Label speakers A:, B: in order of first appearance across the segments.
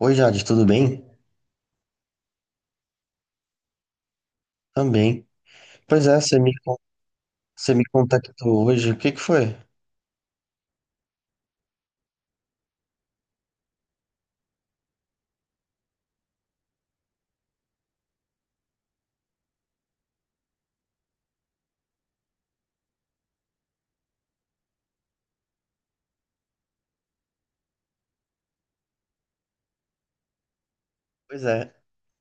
A: Oi, Jade, tudo bem? Também. Pois é, você me contactou hoje. O que que foi? Pois é.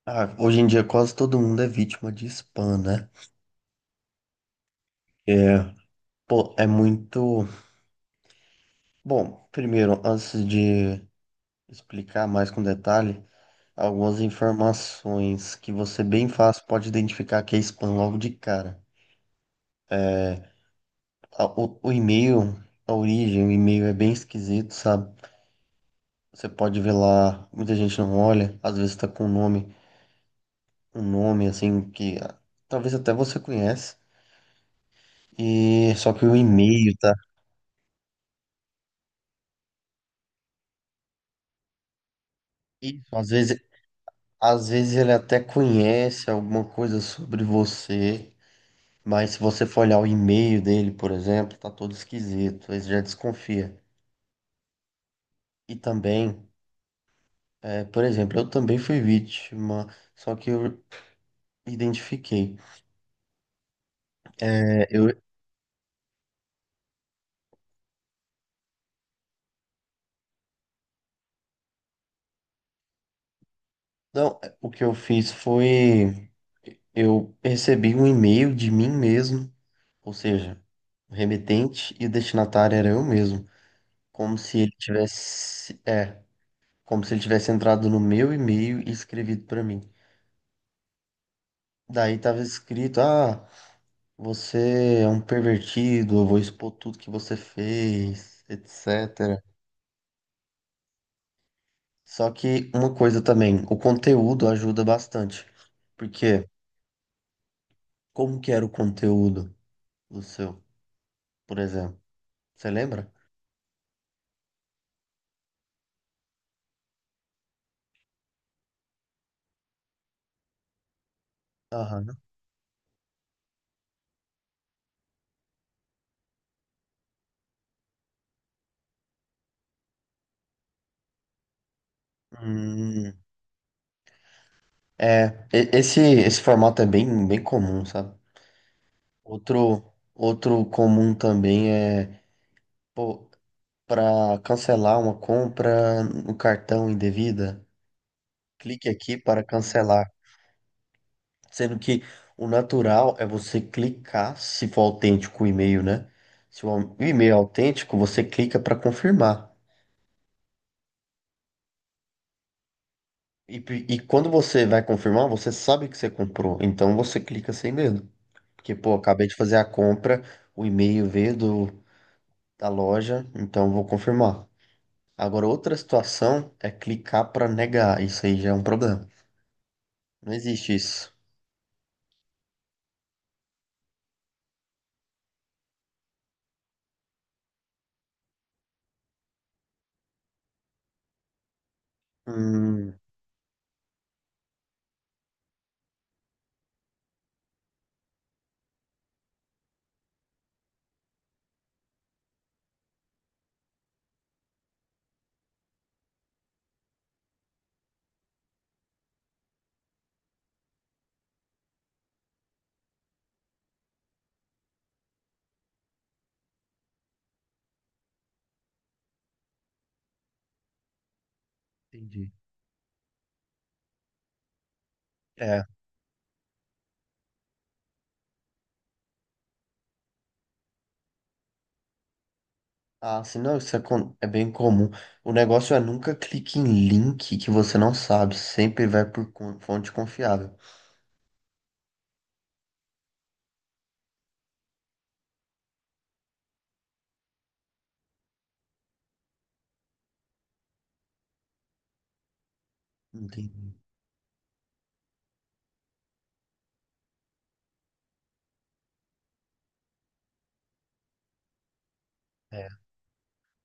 A: Ah, hoje em dia quase todo mundo é vítima de spam, né? É, pô, é muito. Bom, primeiro, antes de explicar mais com detalhe, algumas informações que você bem fácil pode identificar que é spam logo de cara. O e-mail, a origem, o e-mail é bem esquisito, sabe? Você pode ver lá, muita gente não olha, às vezes tá com o nome, um nome assim que talvez até você conhece. E só que o e-mail tá. Isso, às vezes ele até conhece alguma coisa sobre você, mas se você for olhar o e-mail dele, por exemplo, tá todo esquisito, ele já desconfia. E também, por exemplo, eu também fui vítima, só que eu identifiquei. É, eu, não, o que eu fiz foi, eu recebi um e-mail de mim mesmo, ou seja, o remetente e o destinatário era eu mesmo, como se ele tivesse, como se ele tivesse entrado no meu e-mail e escrevido para mim. Daí tava escrito: "Ah, você é um pervertido, eu vou expor tudo que você fez, etc." Só que uma coisa também, o conteúdo ajuda bastante. Porque como que era o conteúdo do seu, por exemplo? Você lembra? Aham. É, esse formato é bem, bem comum, sabe? Outro, outro comum também é, pô, para cancelar uma compra no cartão indevida, clique aqui para cancelar. Sendo que o natural é você clicar, se for autêntico o e-mail, né? Se o e-mail é autêntico, você clica para confirmar. E quando você vai confirmar, você sabe que você comprou, então você clica sem medo. Porque, pô, acabei de fazer a compra, o e-mail veio do da loja, então vou confirmar. Agora, outra situação é clicar para negar. Isso aí já é um problema. Não existe isso. Hum, entendi. É. Ah, assim, não, isso é, com- é bem comum. O negócio é nunca clique em link que você não sabe. Sempre vai por fonte confiável. Entendi. É.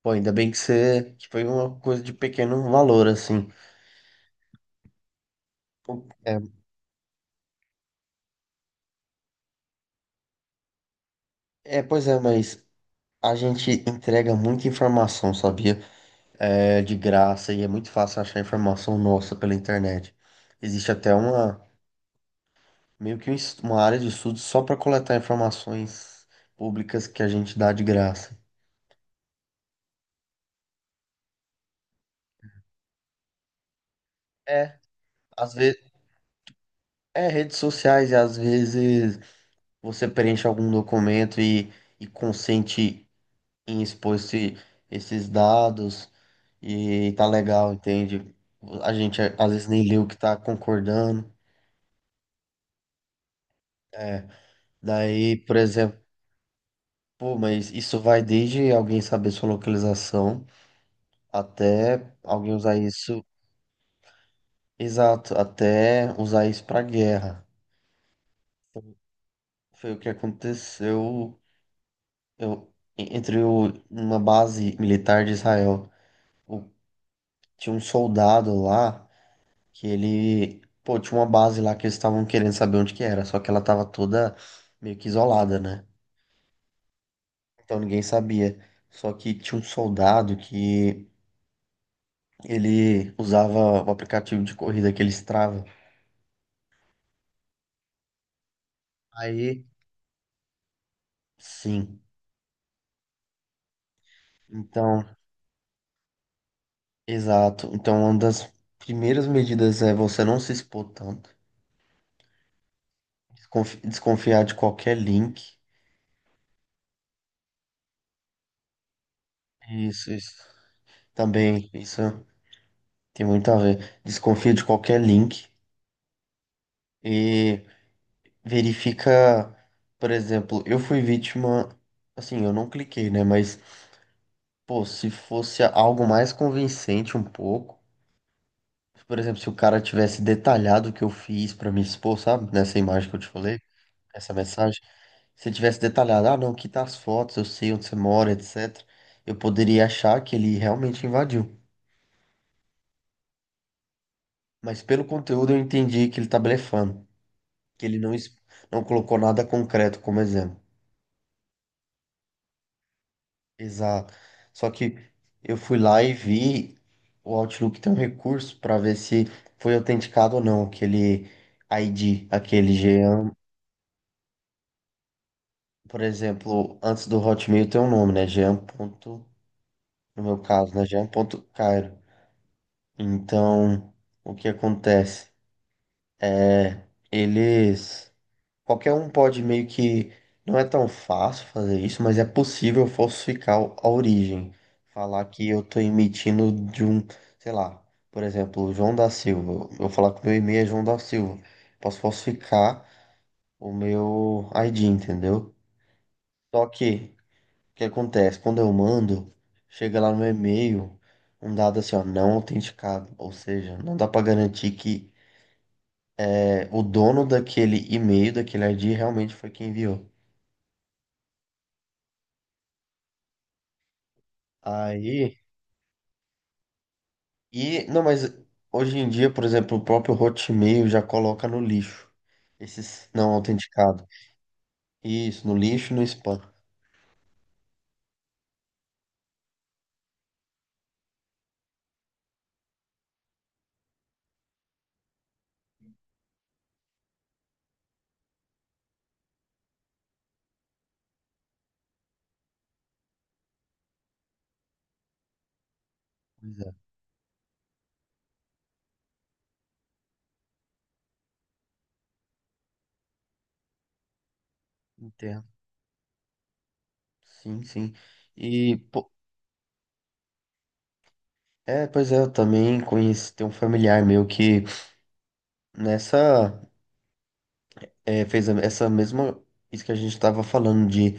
A: Pô, ainda bem que você que foi uma coisa de pequeno valor, assim. O- É, é, pois é, mas a gente entrega muita informação, sabia? É de graça e é muito fácil achar informação nossa pela internet. Existe até uma, meio que uma área de estudo só para coletar informações públicas que a gente dá de graça. É, às vezes, é redes sociais e às vezes você preenche algum documento e consente em expor esses dados e tá legal, entende? A gente às vezes nem lê o que tá concordando. É, daí, por exemplo, pô, mas isso vai desde alguém saber sua localização até alguém usar isso. Exato, até usar isso pra guerra. Então, foi o que aconteceu, eu, entre uma base militar de Israel. O- Tinha um soldado lá que ele, pô, tinha uma base lá que eles estavam querendo saber onde que era, só que ela tava toda meio que isolada, né? Então ninguém sabia. Só que tinha um soldado que ele usava o aplicativo de corrida que ele Strava. Aí, sim. Então, exato. Então, uma das primeiras medidas é você não se expor tanto. Desconfiar de qualquer link. Isso. Também, isso tem muito a ver. Desconfia de qualquer link e verifica, por exemplo, eu fui vítima, assim, eu não cliquei, né? Mas, pô, se fosse algo mais convincente um pouco, por exemplo, se o cara tivesse detalhado o que eu fiz pra me expor, sabe? Nessa imagem que eu te falei, essa mensagem. Se ele tivesse detalhado, ah, não, aqui tá as fotos, eu sei onde você mora, etc. Eu poderia achar que ele realmente invadiu. Mas pelo conteúdo eu entendi que ele tá blefando, que ele não colocou nada concreto como exemplo. Exato. Só que eu fui lá e vi, o Outlook tem um recurso para ver se foi autenticado ou não aquele ID, aquele G. Por exemplo, antes do Hotmail tem um nome, né? Jean ponto, no meu caso, né? Jean ponto Cairo. Então, o que acontece? É, eles, qualquer um pode meio que, não é tão fácil fazer isso, mas é possível falsificar a origem. Falar que eu tô emitindo de um, sei lá, por exemplo, João da Silva. Eu falar que o meu e-mail é João da Silva. Posso falsificar o meu ID, entendeu? Só que, o que acontece? Quando eu mando, chega lá no e-mail um dado assim, ó, não autenticado. Ou seja, não dá pra garantir que o dono daquele e-mail, daquele ID, realmente foi quem enviou. Aí, não, mas hoje em dia, por exemplo, o próprio Hotmail já coloca no lixo esses não autenticados. Isso, no lixo e no spam. Pois é, entendo. Sim, sim. E, pô, pois é, eu também conheci, tem um familiar meu que nessa, essa mesma. Isso que a gente tava falando de,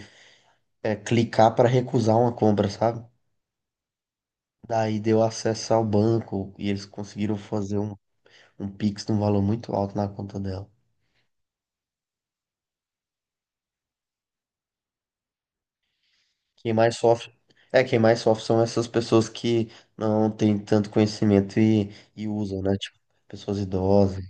A: clicar para recusar uma compra, sabe? Daí deu acesso ao banco e eles conseguiram fazer um Pix de um valor muito alto na conta dela. Quem mais sofre. É, quem mais sofre são essas pessoas que não têm tanto conhecimento e usam, né? Tipo, pessoas idosas.